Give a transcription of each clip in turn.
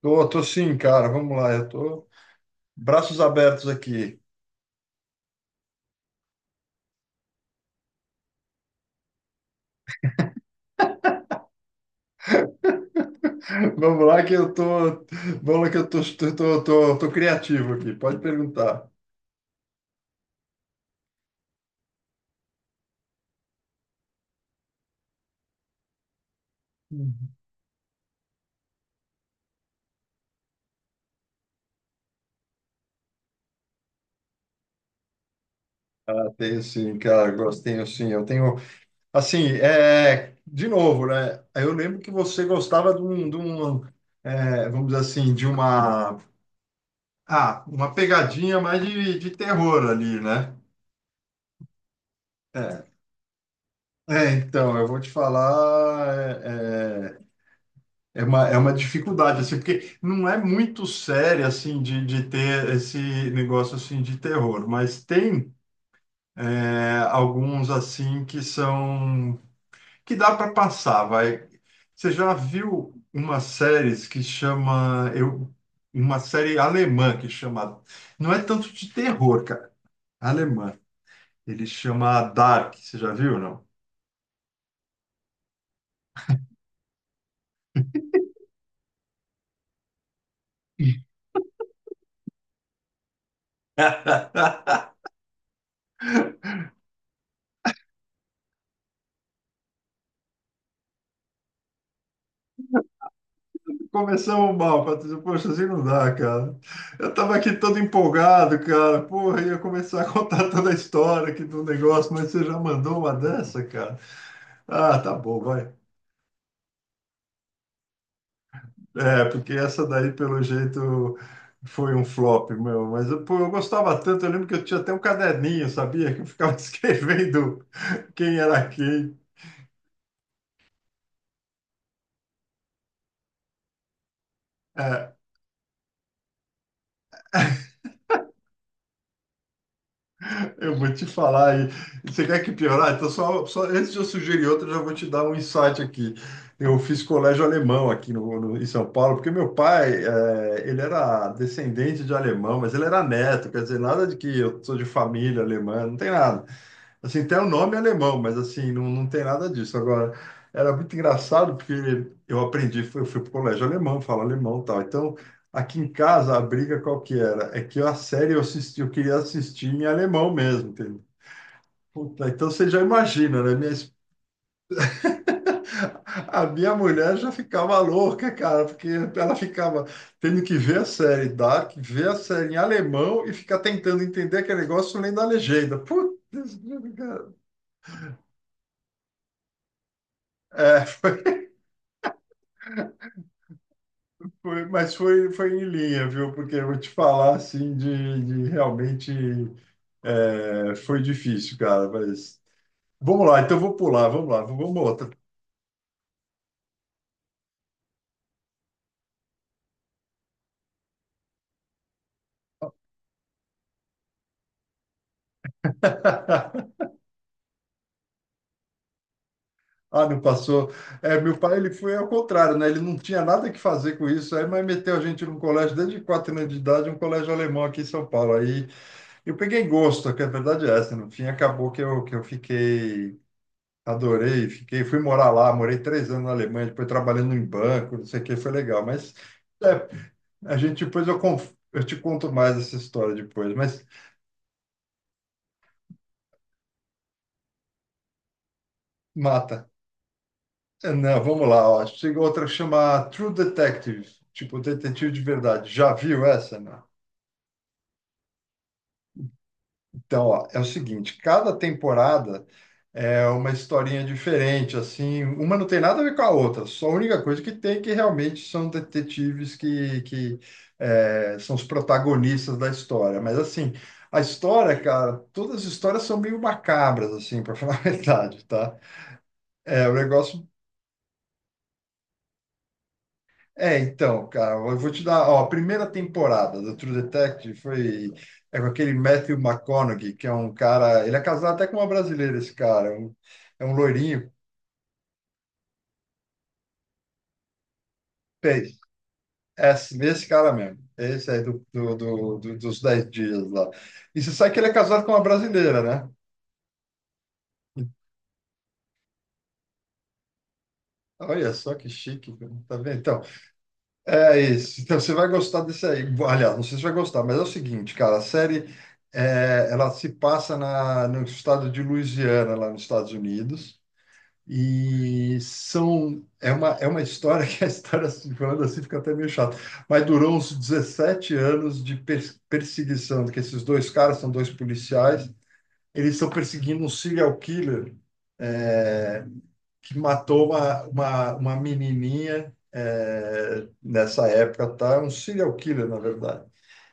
Tô sim, cara. Vamos lá. Eu tô braços abertos aqui. Vamos lá que eu tô, vamos lá que eu tô criativo aqui. Pode perguntar. Ah, tenho sim, cara. Gosto, tenho sim. Eu tenho, assim, de novo, né? Eu lembro que você gostava de um, vamos dizer assim, de uma pegadinha mais de terror ali, né? É. Então, eu vou te falar, é, é uma dificuldade, assim, porque não é muito séria, assim, de ter esse negócio, assim, de terror, mas tem alguns, assim, que dá para passar, vai. Você já viu uma série que chama, uma série alemã que chama, não é tanto de terror, cara, alemã, ele chama Dark, você já viu, ou não? Começamos mal, Patrícia. Poxa, assim não dá, cara. Eu tava aqui todo empolgado, cara. Porra, ia começar a contar toda a história aqui do negócio, mas você já mandou uma dessa, cara? Ah, tá bom, vai. Porque essa daí, pelo jeito, foi um flop, meu. Mas eu, pô, eu gostava tanto. Eu lembro que eu tinha até um caderninho, sabia? Que eu ficava escrevendo quem era quem. É, Eu vou te falar aí. Você quer que piorar? Então, só antes de eu sugerir outra, eu já vou te dar um insight aqui. Eu fiz colégio alemão aqui em São Paulo, porque meu pai, ele era descendente de alemão, mas ele era neto, quer dizer, nada de que eu sou de família alemã, não tem nada. Assim, tem o um nome alemão, mas assim, não tem nada disso. Agora, era muito engraçado porque eu aprendi, eu fui pro colégio alemão, falo alemão e tal. Então, aqui em casa, a briga qual que era? É que a série eu queria assistir em alemão mesmo, entendeu? Puta, então você já imagina, né? A minha mulher já ficava louca, cara, porque ela ficava tendo que ver a série Dark, ver a série em alemão e ficar tentando entender aquele negócio lendo a legenda. Putz, cara. É, mas foi, em linha, viu? Porque eu vou te falar assim de realmente foi difícil, cara. Mas vamos lá, então vou pular, vamos lá, vamos outra. Ah, não passou. Meu pai ele foi ao contrário, né? Ele não tinha nada que fazer com isso, aí, mas meteu a gente num colégio desde 4 anos de idade, um colégio alemão aqui em São Paulo. Aí eu peguei gosto, que a verdade é essa. No fim, acabou que que eu fiquei. Adorei, fiquei, fui morar lá, morei 3 anos na Alemanha, depois trabalhando em banco, não sei o que, foi legal. Mas é, a gente depois eu te conto mais essa história depois, mas mata. Não, vamos lá, ó. Chega outra que chama True Detective, tipo detetive de verdade. Já viu essa? Então, ó, é o seguinte, cada temporada é uma historinha diferente, assim, uma não tem nada a ver com a outra, só a única coisa que tem é que realmente são detetives que, são os protagonistas da história. Mas, assim, a história, cara, todas as histórias são meio macabras, assim, para falar a verdade, tá? É um negócio. Então, cara, eu vou te dar, ó, a primeira temporada do True Detective foi com aquele Matthew McConaughey, que é um cara, ele é casado até com uma brasileira, esse cara, é um loirinho, peixe, é esse cara mesmo, esse aí dos 10 dias lá. E você sabe que ele é casado com uma brasileira, né? Olha só que chique, cara, tá vendo? Então, é isso. Então você vai gostar desse aí. Aliás, não sei se vai gostar, mas é o seguinte, cara, a série ela se passa no estado de Louisiana, lá nos Estados Unidos, e é uma história que a história assim, falando assim fica até meio chato, mas durou uns 17 anos de perseguição, que esses dois caras são dois policiais, eles estão perseguindo um serial killer é, que matou uma menininha nessa época, tá? É um serial killer, na verdade.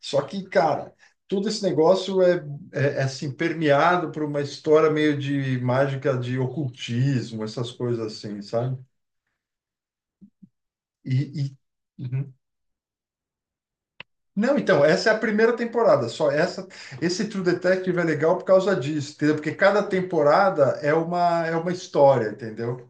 Só que, cara, todo esse negócio assim, permeado por uma história meio de mágica de ocultismo, essas coisas assim, sabe? E, e- Uhum. Não, então, essa é a primeira temporada, só essa, esse True Detective é legal por causa disso, entendeu? Porque cada temporada é uma história, entendeu?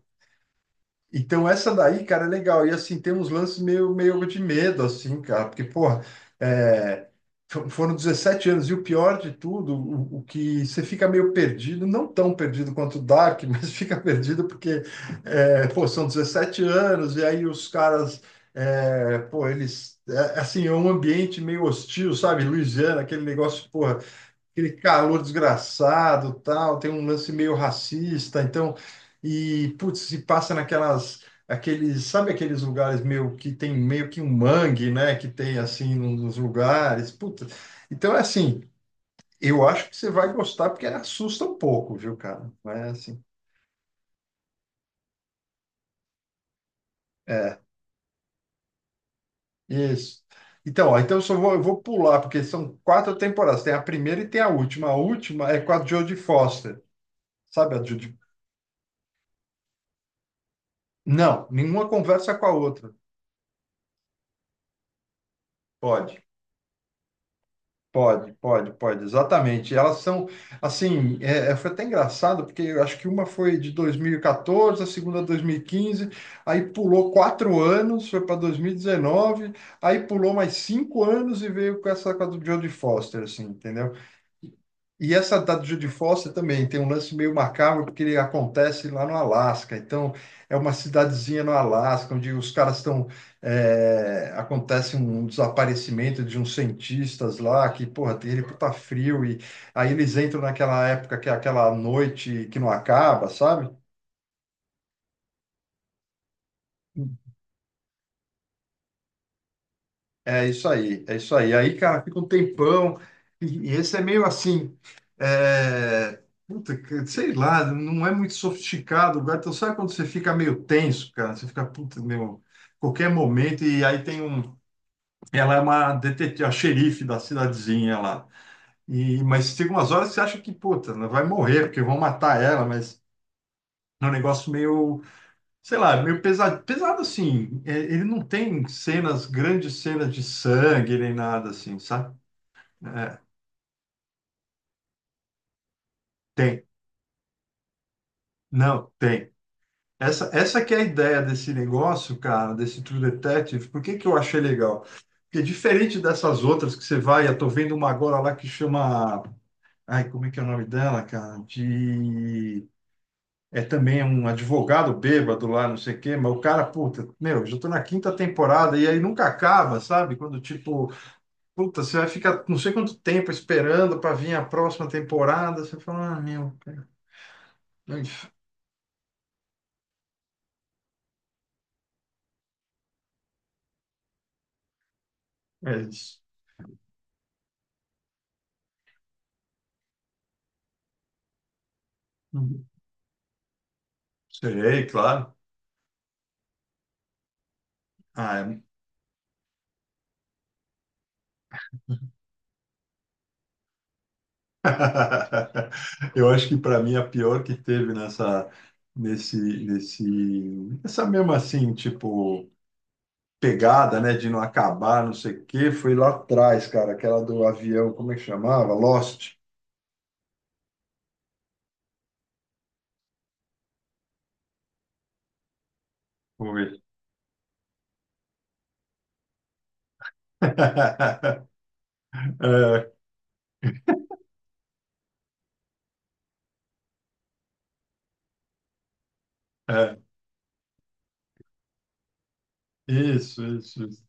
Então essa daí, cara, é legal. E assim, tem uns lances meio de medo, assim, cara, porque, porra, é, foram 17 anos, e o pior de tudo, o que você fica meio perdido, não tão perdido quanto o Dark, mas fica perdido porque, pô, são 17 anos, e aí os caras, pô, eles, assim, é um ambiente meio hostil, sabe? Louisiana, aquele negócio, pô aquele calor desgraçado, tal, tem um lance meio racista, então e putz, se passa naquelas aqueles, sabe aqueles lugares meio que tem meio que um mangue, né, que tem assim nos lugares, puta. Então é assim, eu acho que você vai gostar porque assusta um pouco, viu, cara? É assim. É, isso. Então, ó, então eu vou pular, porque são quatro temporadas. Tem a primeira e tem a última. A última é com a Jodie Foster. Sabe a Jodie? Não, nenhuma conversa com a outra. Pode. Pode, pode, pode, exatamente. Elas são, assim, foi até engraçado, porque eu acho que uma foi de 2014, a segunda 2015, aí pulou 4 anos, foi para 2019, aí pulou mais 5 anos e veio com essa com a do Jodie Foster, assim, entendeu? E essa da Judy Foster também tem um lance meio macabro, porque ele acontece lá no Alasca. Então, é uma cidadezinha no Alasca, onde os caras estão. Acontece um desaparecimento de uns cientistas lá, que, porra, tem ele puta frio. E aí eles entram naquela época que é aquela noite que não acaba, sabe? É isso aí, é isso aí. Aí, cara, fica um tempão. E esse é meio assim. É... Puta, sei lá, não é muito sofisticado, cara. Então, sabe quando você fica meio tenso, cara? Você fica, puta, meu, qualquer momento. E aí tem um. Ela é uma detetive, a xerife da cidadezinha lá. Mas tem umas horas que você acha que, puta, ela vai morrer, porque vão matar ela, mas é um negócio meio. Sei lá, meio pesado. Pesado assim. Ele não tem cenas, grandes cenas de sangue nem nada assim, sabe? É, tem. Não, tem. Essa que é a ideia desse negócio, cara, desse True Detective. Por que que eu achei legal? Porque diferente dessas outras que você vai, eu tô vendo uma agora lá que chama. Ai, como é que é o nome dela, cara? De. É também um advogado bêbado lá, não sei o quê, mas o cara, puta, meu, já tô na quinta temporada e aí nunca acaba, sabe? Quando, tipo, puta, você vai ficar não sei quanto tempo esperando pra vir a próxima temporada, você fala, ah, meu, cara, é isso. É isso. Uhum. Sei, claro. Ah. Eu acho que para mim a pior que teve nessa, nesse, essa mesma assim, tipo, pegada, né, de não acabar, não sei o quê, foi lá atrás, cara, aquela do avião, como é que chamava? Lost. Foi. É, é, isso, isso, isso.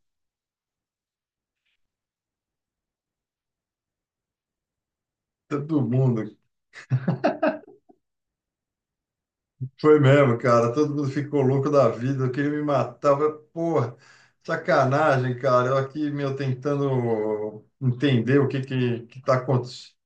Todo mundo, Foi mesmo, cara. Todo mundo ficou louco da vida. Eu queria me matar. Eu falei, porra, sacanagem, cara. Eu aqui, meu, tentando entender o que que tá acontecendo.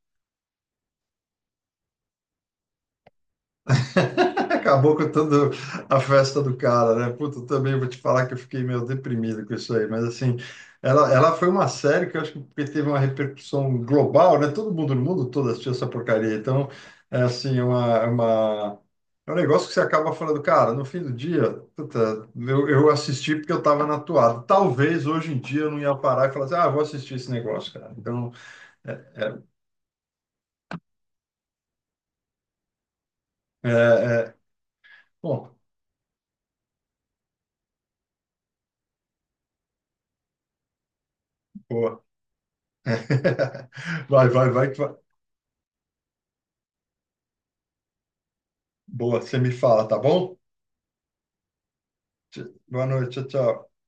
Acabou com toda a festa do cara, né? Puta, eu também vou te falar que eu fiquei meio deprimido com isso aí, mas assim, ela foi uma série que eu acho que teve uma repercussão global, né? Todo mundo no mundo todo assistiu essa porcaria, então é assim, é um negócio que você acaba falando, cara, no fim do dia, puta, eu assisti porque eu estava na toada. Talvez hoje em dia eu não ia parar e falar assim, ah, vou assistir esse negócio, cara. Então, é, é, é, é- bom, boa. Vai, vai, vai. Que vai. Boa, você me fala, tá bom? Boa noite, tchau, tchau.